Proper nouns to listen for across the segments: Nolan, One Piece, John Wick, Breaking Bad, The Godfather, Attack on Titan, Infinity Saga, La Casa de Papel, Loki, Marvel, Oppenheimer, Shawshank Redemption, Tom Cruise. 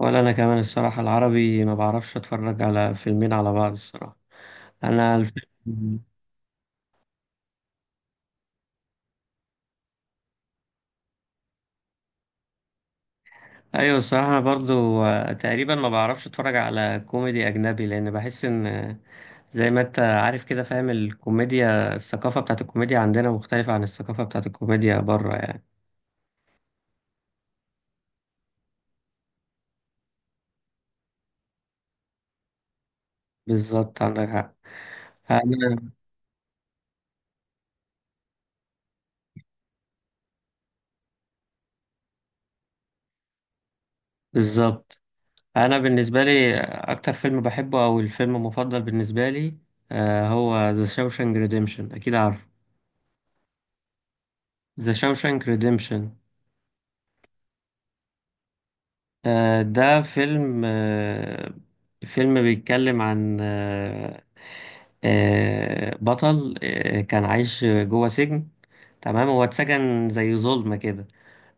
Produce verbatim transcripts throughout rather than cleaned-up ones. ولا انا كمان الصراحه، العربي ما بعرفش اتفرج على فيلمين على بعض الصراحه. انا الفيلم. ايوه الصراحه، انا برضو آه، تقريبا ما بعرفش اتفرج على كوميدي اجنبي، لان بحس ان آه، زي ما انت عارف كده، فاهم الكوميديا، الثقافه بتاعت الكوميديا عندنا مختلفه عن الثقافه بتاعت الكوميديا بره يعني. بالظبط، عندك حق. انا بالظبط. انا بالنسبه لي اكتر فيلم بحبه او الفيلم المفضل بالنسبه لي آه، هو ذا شاوشانك ريديمشن، اكيد عارفه. ذا شاوشانك ريديمشن. آه، ده فيلم، آه، فيلم بيتكلم عن آه، آه، بطل، آه، كان عايش جوه سجن. تمام، هو اتسجن زي ظلمة كده.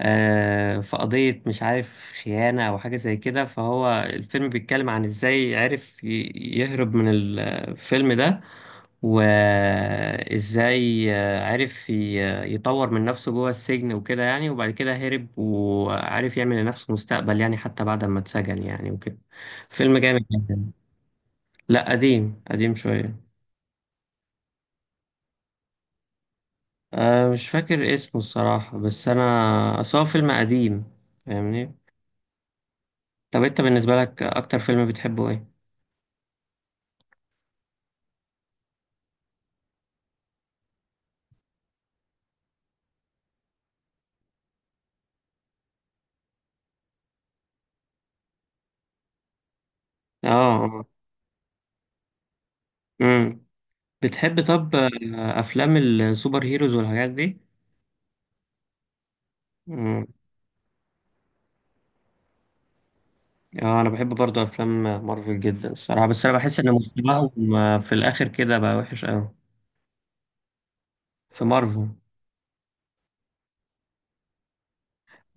آه، في قضية مش عارف خيانة أو حاجة زي كده، فهو الفيلم بيتكلم عن إزاي عرف ي- يهرب من الفيلم ده. وإزاي آه، عرف ي- يطور من نفسه جوه السجن وكده يعني، وبعد كده هرب وعرف يعمل لنفسه مستقبل يعني، حتى بعد ما اتسجن يعني وكده. فيلم جامد جدا. لا، قديم قديم شوية. أه، مش فاكر اسمه الصراحة، بس أنا أصل هو فيلم قديم. فاهمني. طب أنت بالنسبة لك أكتر فيلم بتحبه إيه؟ اه. اه. امم بتحب طب آه، افلام السوبر هيروز والحاجات دي؟ امم اه، انا بحب برضو افلام مارفل جدا الصراحه، بس انا بحس ان مستواهم آه، في الاخر كده بقى وحش قوي. في مارفل.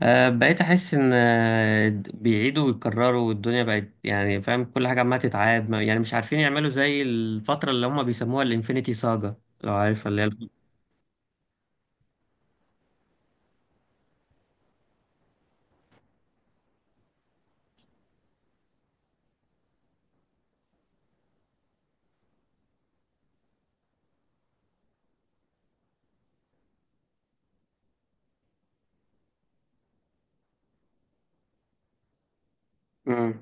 آه بقيت احس ان آه، بيعيدوا ويكرروا، والدنيا بقت يعني فاهم كل حاجه عماله تتعاد، ما- يعني مش عارفين يعملوا زي الفتره اللي هم بيسموها الانفينيتي ساجا، لو عارفها اللي هي. مم.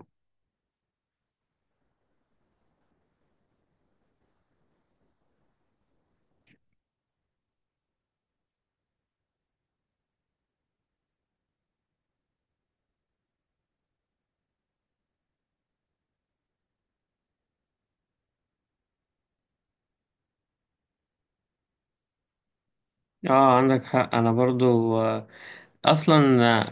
اه عندك حق. انا برضو اصلا آه،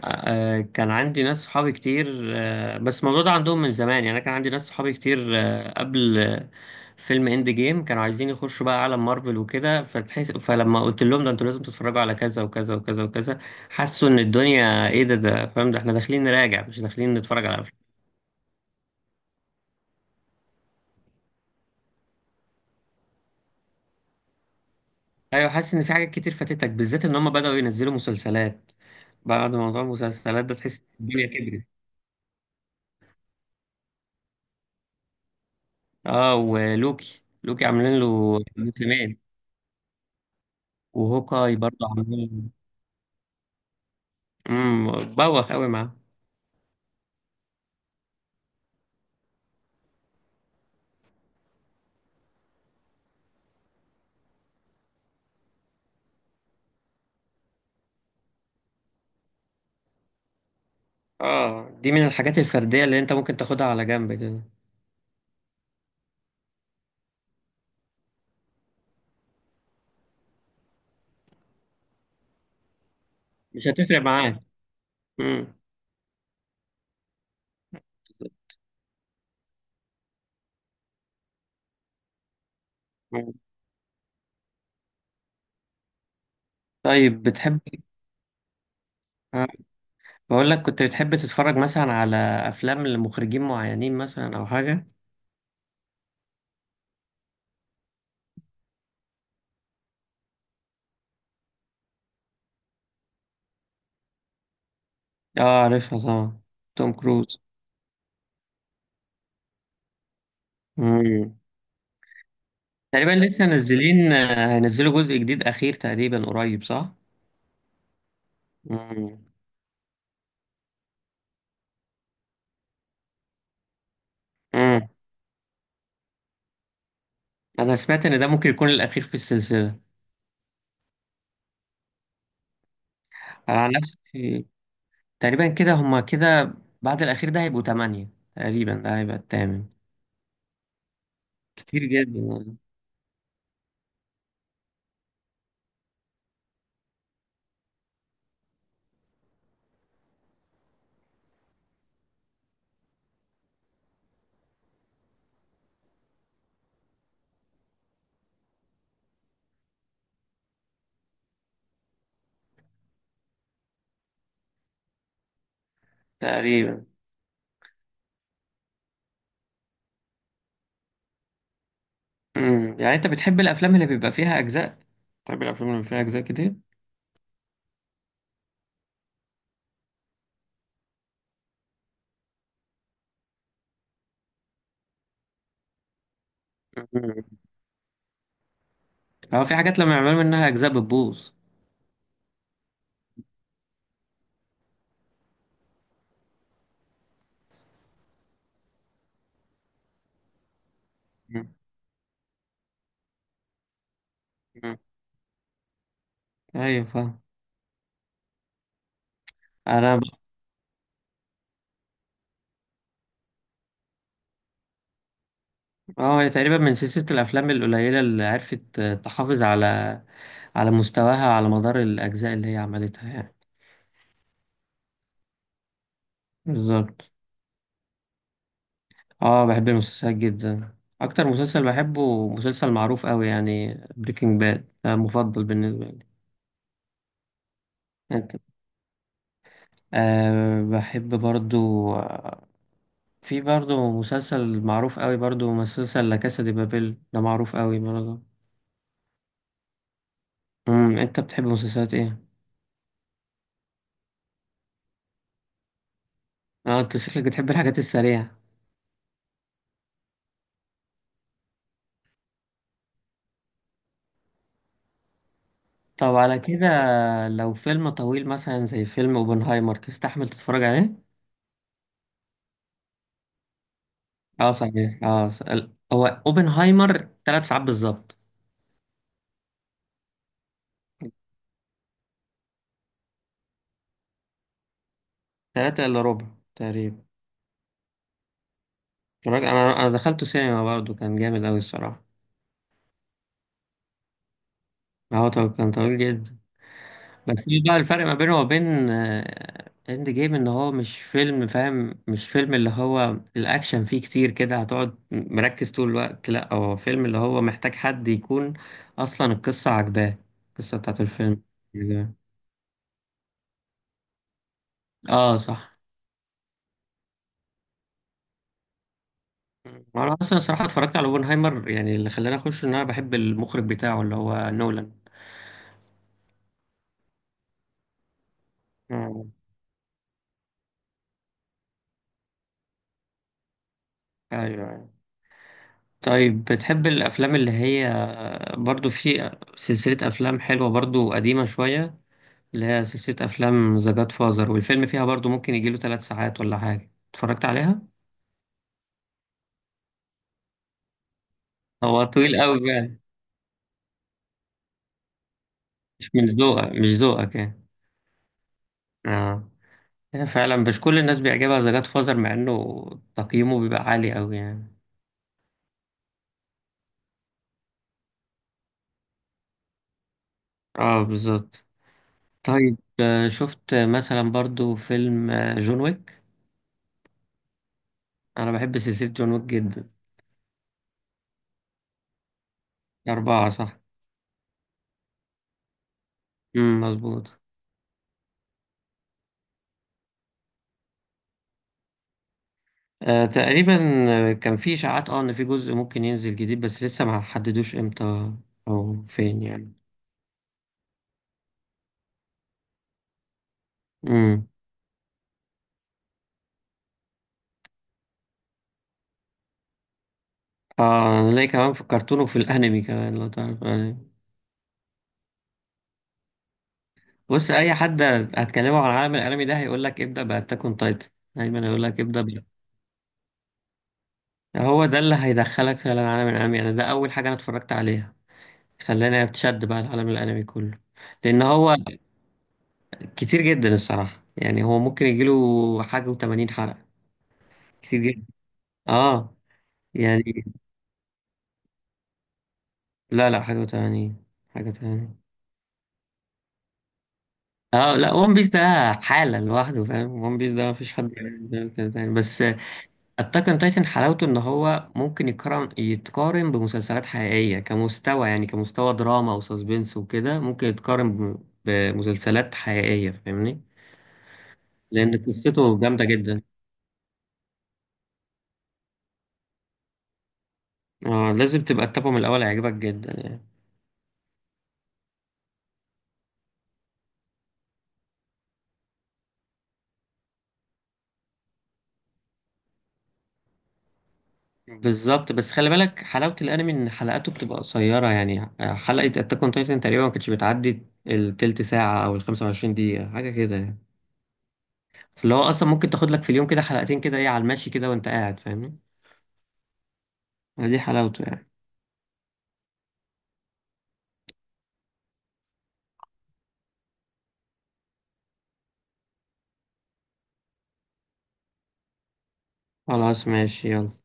آه، كان عندي ناس صحابي كتير، آه، بس الموضوع ده عندهم من زمان يعني. انا كان عندي ناس صحابي كتير آه، قبل آه، فيلم اند جيم كانوا عايزين يخشوا بقى عالم مارفل وكده، فتحس فلما قلت لهم ده انتوا لازم تتفرجوا على كذا وكذا وكذا وكذا، حسوا ان الدنيا ايه ده، ده فاهم ده احنا داخلين نراجع مش داخلين نتفرج على افلام. ايوه، حاسس ان في حاجات كتير فاتتك، بالذات ان هم بدأوا ينزلوا مسلسلات. بعد موضوع المسلسلات ده تحس الدنيا كبرت. اه، ولوكي، لوكي عاملين له موسمين. وهوكاي برضه عمال. امم بوخ قوي معاه. اه، دي من الحاجات الفرديه اللي انت ممكن تاخدها على جنب كده. مش هتفرق معاك. امم طيب بتحب آه، بقول لك، كنت بتحب تتفرج مثلا على افلام لمخرجين معينين مثلا او حاجه؟ اه عارفها طبعا. توم كروز. امم تقريبا لسه نازلين، آه، هينزلوا جزء جديد اخير تقريبا قريب، صح؟ امم امم انا سمعت ان ده ممكن يكون الاخير في السلسله. انا عن نفسي تقريبا كده هما كده. بعد الأخير ده هيبقوا تمانية، تقريبا ده هيبقى التامن. كتير جدا يعني. تقريبا. امم يعني أنت بتحب الأفلام اللي بيبقى فيها أجزاء؟ بتحب الأفلام اللي بيبقى فيها أجزاء كتير؟ امم هو في حاجات لما يعملوا منها أجزاء بتبوظ. أمم، أمم. أيوة، فاهم. أنا ب... اه، هي تقريبا من سلسلة الأفلام القليلة اللي عرفت آه، تحافظ على على مستواها على مدار الأجزاء اللي هي عملتها يعني. بالظبط. اه، بحب المسلسلات جدا. اكتر مسلسل بحبه مسلسل معروف قوي يعني، بريكنج باد ده مفضل بالنسبه لي. انت. أه، بحب برضو آه، في برضو مسلسل معروف قوي برضو، مسلسل لا كاسا دي بابيل، ده معروف قوي برضو. امم انت بتحب مسلسلات ايه؟ اه، انت شكلك بتحب الحاجات السريعه. طب على كده، لو فيلم طويل مثلا زي فيلم اوبنهايمر، تستحمل تتفرج عليه؟ اه صحيح. اه س- ال- هو اوبنهايمر تلات ساعات بالظبط. تلاتة إلا ربع تقريبا. الراجل- أنا أنا دخلته سينما برضه، كان جامد أوي الصراحة. هو طو- كان طويل جدا. بس في بقى الفرق ما بينه وبين آه، إند جيم، إن هو مش فيلم فاهم، مش فيلم اللي هو الأكشن فيه كتير كده هتقعد مركز طول الوقت، لأ هو فيلم اللي هو محتاج حد يكون أصلا القصة عجباه، القصة بتاعت الفيلم. آه صح. أنا أصلا الصراحة اتفرجت على أوبنهايمر يعني، اللي خلاني أخش إن أنا بحب المخرج بتاعه اللي هو نولان. آه، أيوه. أيوه. طيب بتحب الأفلام اللي هي، برضو في سلسلة أفلام حلوة برضو قديمة شوية، اللي هي سلسلة أفلام ذا جاد فازر، والفيلم فيها برضو ممكن يجيله تلات ساعات ولا حاجة، اتفرجت عليها؟ هو طويل قوي يعني. مش من ذوقك، مش ذوقك يعني. اه. هي فعلا مش كل الناس بيعجبها ذا جاد فازر، مع إنه تقييمه بيبقى عالي قوي يعني. اه بالظبط. طيب آه، شفت مثلا برضو فيلم آه، جون ويك؟ أنا بحب سلسلة جون ويك جدا. أربعة صح؟ امم مظبوط. آه، تقريبا آه، كان في إشاعات، اه إن في جزء ممكن ينزل جديد بس لسه ما حددوش امتى أو فين يعني. امم اه، أنا ليه كمان فكرتونه، في الكرتون وفي الأنمي كمان لو تعرف آه. بص، أي حد هتكلمه عن عالم الأنمي ده هيقول لك ابدأ بأتاك أون تايتن. دايما هيقول لك ابدأ ب- هو ده اللي هيدخلك فعلا عالم الأنمي. أنا ده أول حاجة أنا اتفرجت عليها، خلاني أتشد بقى العالم الأنمي كله. لأن هو كتير جدا الصراحة يعني، هو ممكن يجيله حاجة و80 حلقة. كتير جدا. اه. يعني. لا لا، حاجة تانية. حاجة تانية. اه لا، ون بيس ده حالة لوحده فاهم، ون بيس ده مفيش حد يعمل كده تاني بس. اتاك اون تايتن حلاوته ان هو ممكن يقارن يتقارن بمسلسلات حقيقية كمستوى يعني، كمستوى دراما وساسبنس وكده ممكن يتقارن بم- بمسلسلات حقيقية فاهمني. لان قصته جامدة جدا. اه لازم تبقى تتابعه من الاول، هيعجبك جدا يعني. بالظبط. بس خلي بالك حلاوة الأنمي إن حلقاته بتبقى قصيرة يعني. حلقة أتاك أون تايتن تقريبا ما كانتش بتعدي التلت ساعة أو الخمسة وعشرين دقيقة، حاجة كده يعني. فاللي هو أصلا ممكن تاخد لك في اليوم كده حلقتين كده إيه، على المشي كده وأنت قاعد فاهمني. دي حلاوته يعني. خلاص ماشي يلا.